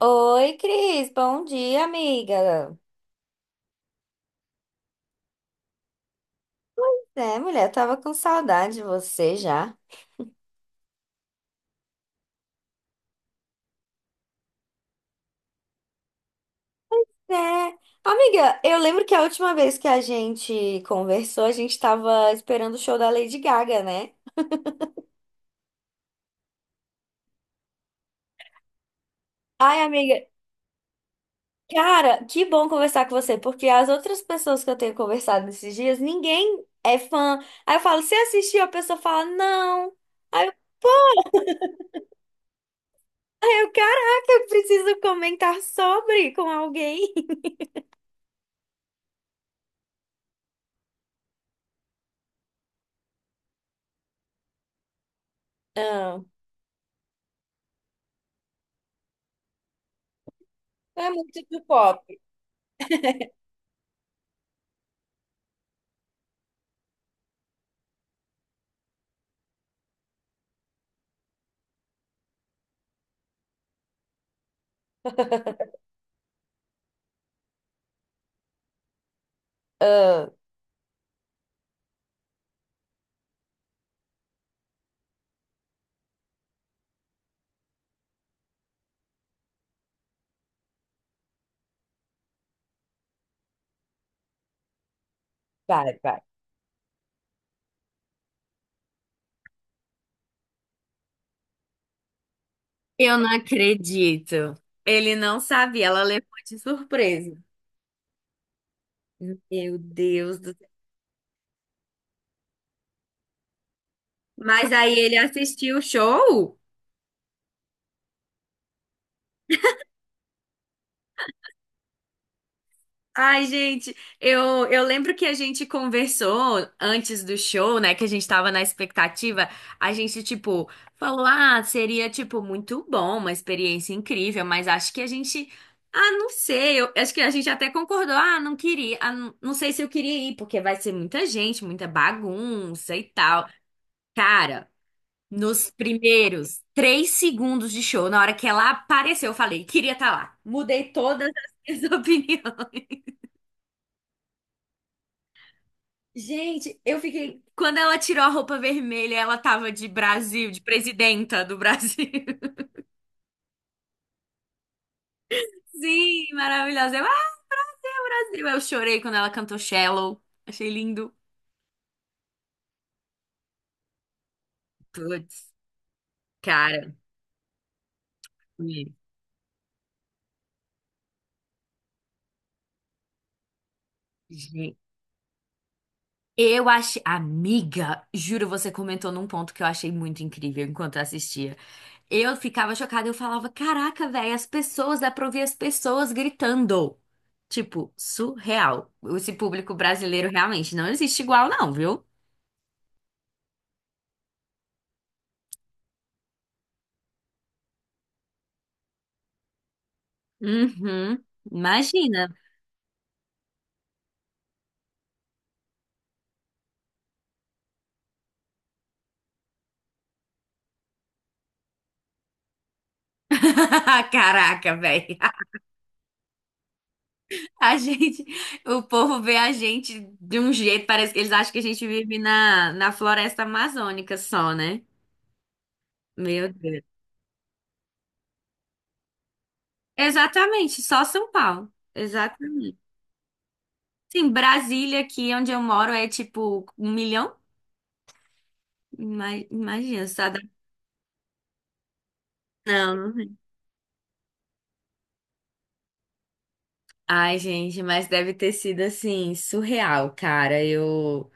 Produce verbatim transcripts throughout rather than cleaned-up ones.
Oi, Cris, bom dia, amiga. É, mulher, eu tava com saudade de você já. É, amiga, eu lembro que a última vez que a gente conversou, a gente tava esperando o show da Lady Gaga, né? Ai, amiga, cara, que bom conversar com você, porque as outras pessoas que eu tenho conversado nesses dias, ninguém é fã. Aí eu falo, você assistiu? A pessoa fala, não. Aí eu, aí eu, caraca, eu preciso comentar sobre com alguém. Ah, é muito do pop. Vai, vai. Eu não acredito. Ele não sabia, ela levou de surpresa. Meu Deus do céu. Mas aí ele assistiu o show? Ai, gente, eu, eu lembro que a gente conversou antes do show, né? Que a gente tava na expectativa. A gente, tipo, falou: ah, seria, tipo, muito bom, uma experiência incrível, mas acho que a gente. Ah, não sei. Eu acho que a gente até concordou. Ah, não queria. Ah, não não sei se eu queria ir, porque vai ser muita gente, muita bagunça e tal. Cara. Nos primeiros três segundos de show, na hora que ela apareceu, eu falei, queria estar lá. Mudei todas as minhas opiniões. Gente, eu fiquei. Quando ela tirou a roupa vermelha, ela tava de Brasil, de presidenta do Brasil. Sim, maravilhosa. Eu, ah, Brasil. Eu chorei quando ela cantou Shallow. Achei lindo. Putz, cara. Gente. Eu achei. Amiga, juro, você comentou num ponto que eu achei muito incrível enquanto eu assistia. Eu ficava chocada, eu falava, caraca, velho, as pessoas, dá pra ouvir as pessoas gritando. Tipo, surreal. Esse público brasileiro realmente não existe igual, não, viu? Uhum. Imagina. Caraca, velho. A gente, o povo vê a gente de um jeito, parece que eles acham que a gente vive na, na floresta amazônica só, né? Meu Deus. Exatamente, só São Paulo. Exatamente. Sim, Brasília, aqui onde eu moro, é tipo um milhão. Ima- Imagina, só da... Não, não vi. Ai, gente, mas deve ter sido assim, surreal, cara. Eu,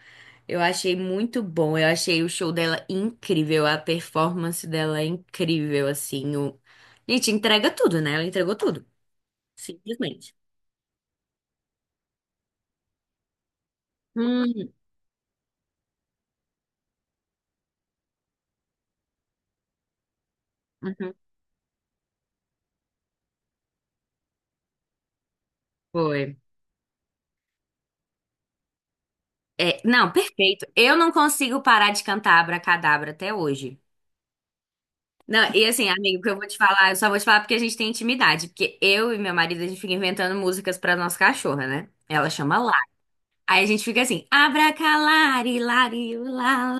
eu achei muito bom. Eu achei o show dela incrível, a performance dela é incrível, assim. O... Gente, entrega tudo, né? Ela entregou tudo, simplesmente. Hum, uhum, foi. É, não, perfeito. Eu não consigo parar de cantar Abracadabra até hoje. Não, e assim, amigo, o que eu vou te falar, eu só vou te falar porque a gente tem intimidade. Porque eu e meu marido, a gente fica inventando músicas pra nossa cachorra, né? Ela chama Lara. Aí a gente fica assim, abracalari, lari, lá.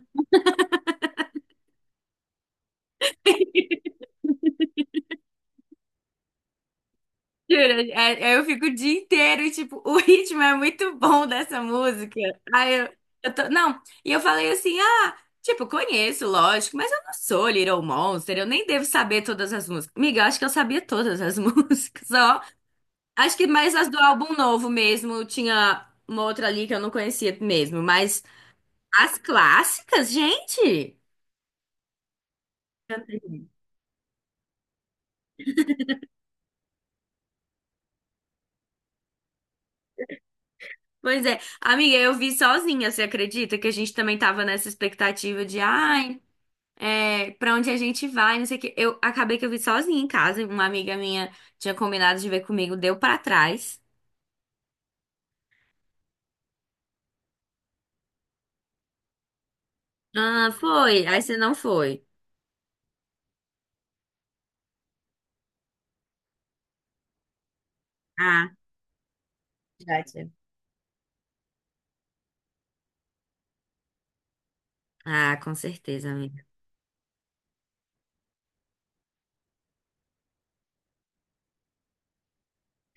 Jura? É- é, Eu fico o dia inteiro e, tipo, o ritmo é muito bom dessa música. Aí eu, eu tô. Não, e eu falei assim, ah, tipo, conheço, lógico, mas eu não sou Little Monster, eu nem devo saber todas as músicas. Amiga, eu acho que eu sabia todas as músicas, ó. Acho que mais as do álbum novo mesmo. Tinha uma outra ali que eu não conhecia mesmo. Mas as clássicas, gente! Pois é. Amiga, eu vi sozinha, você acredita? Que a gente também tava nessa expectativa de, ai, é, pra onde a gente vai, não sei o quê. Eu acabei que eu vi sozinha em casa. Uma amiga minha tinha combinado de ver comigo, deu pra trás. Ah, foi. Aí você não foi. Ah, já tinha. Ah, com certeza, amiga.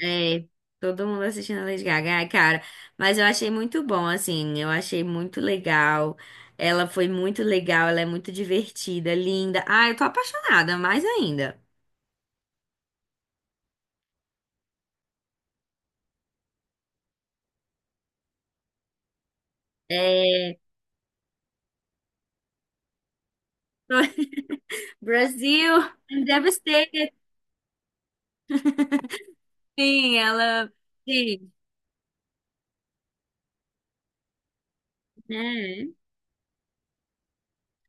É, todo mundo assistindo a Lady Gaga, ai, cara. Mas eu achei muito bom, assim, eu achei muito legal. Ela foi muito legal, ela é muito divertida, linda. Ah, eu tô apaixonada, mais ainda. É, tô- Brasil, I'm devastated. Sim, ela. Sim, né?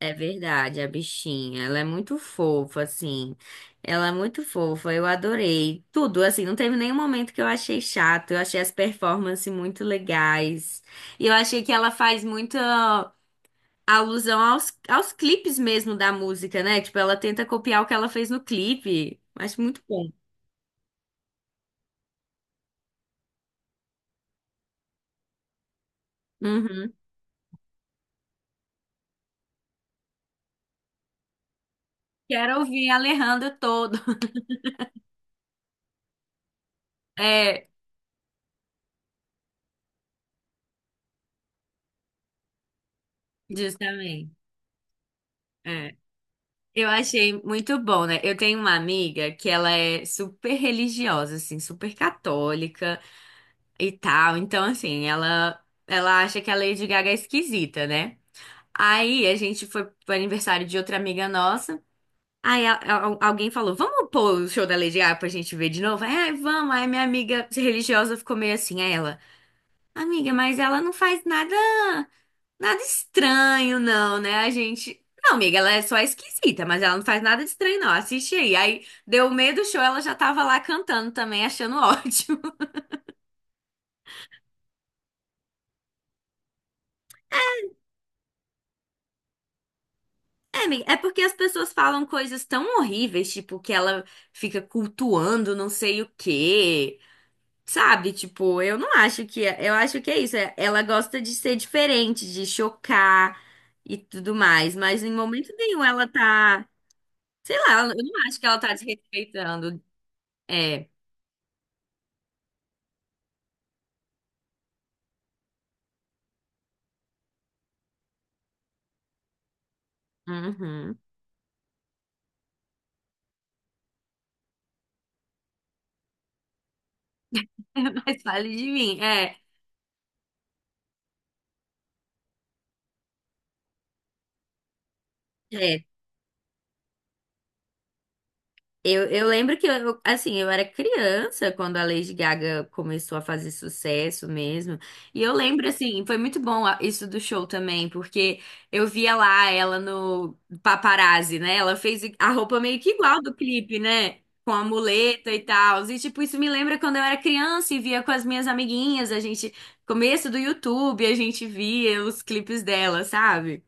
É verdade, a bichinha. Ela é muito fofa, assim. Ela é muito fofa. Eu adorei tudo, assim. Não teve nenhum momento que eu achei chato. Eu achei as performances muito legais. E eu achei que ela faz muita alusão aos, aos clipes mesmo da música, né? Tipo, ela tenta copiar o que ela fez no clipe. Acho muito bom. Uhum. Quero ouvir a Alejandra todo. É, justamente. É. Eu achei muito bom, né? Eu tenho uma amiga que ela é super religiosa, assim, super católica e tal. Então, assim, ela, ela acha que a Lady Gaga é esquisita, né? Aí a gente foi pro aniversário de outra amiga nossa. Aí a- a- alguém falou: Vamos pôr o show da Lady Gaga pra gente ver de novo? Aí, "Ai, vamos." Aí minha amiga religiosa ficou meio assim. Aí ela: Amiga, mas ela não faz nada. Nada estranho, não, né? A gente. Não, amiga, ela é só esquisita, mas ela não faz nada de estranho, não. Assiste aí. Aí deu meio do show, ela já tava lá cantando também, achando ótimo. É, amiga, é porque as pessoas falam coisas tão horríveis, tipo, que ela fica cultuando não sei o quê. Sabe? Tipo, eu não acho que. é- Eu acho que é isso. é- Ela gosta de ser diferente, de chocar e tudo mais. Mas em momento nenhum ela tá. Sei lá, eu não acho que ela tá desrespeitando. É. Uhum. Mas fale de mim. É, é. Eu, eu lembro que eu, assim, eu era criança quando a Lady Gaga começou a fazer sucesso mesmo. E eu lembro, assim, foi muito bom a- isso do show também, porque eu via lá ela no Paparazzi, né? Ela fez a roupa meio que igual do clipe, né? Com a muleta e tal. E, tipo, isso me lembra quando eu era criança e via com as minhas amiguinhas, a gente, começo do YouTube, a gente via os clipes dela, sabe?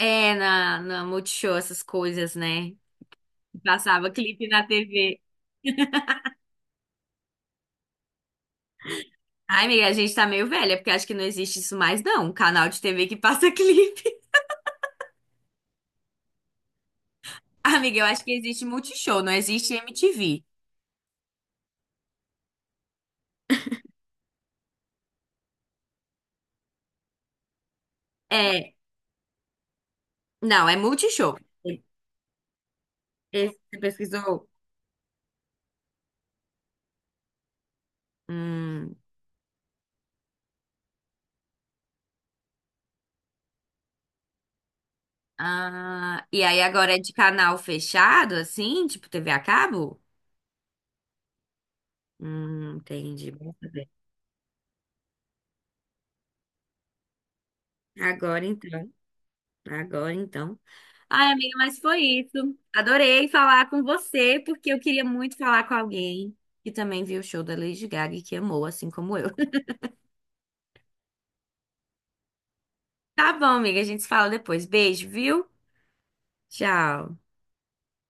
É, na, na Multishow, essas coisas, né? Passava clipe na T V. Ai, amiga, a gente tá meio velha, porque acho que não existe isso mais, não. Um canal de T V que passa clipe. Amiga, eu acho que existe Multishow, não existe M T V. É, não, é Multishow. Esse que você pesquisou? Hum, ah, e aí agora é de canal fechado, assim? Tipo T V a cabo? Hum, entendi. Agora então. Agora então. Ai, amiga, mas foi isso. Adorei falar com você, porque eu queria muito falar com alguém que também viu o show da Lady Gaga e que amou, assim como eu. Tá bom, amiga, a gente se fala depois. Beijo, viu? Tchau.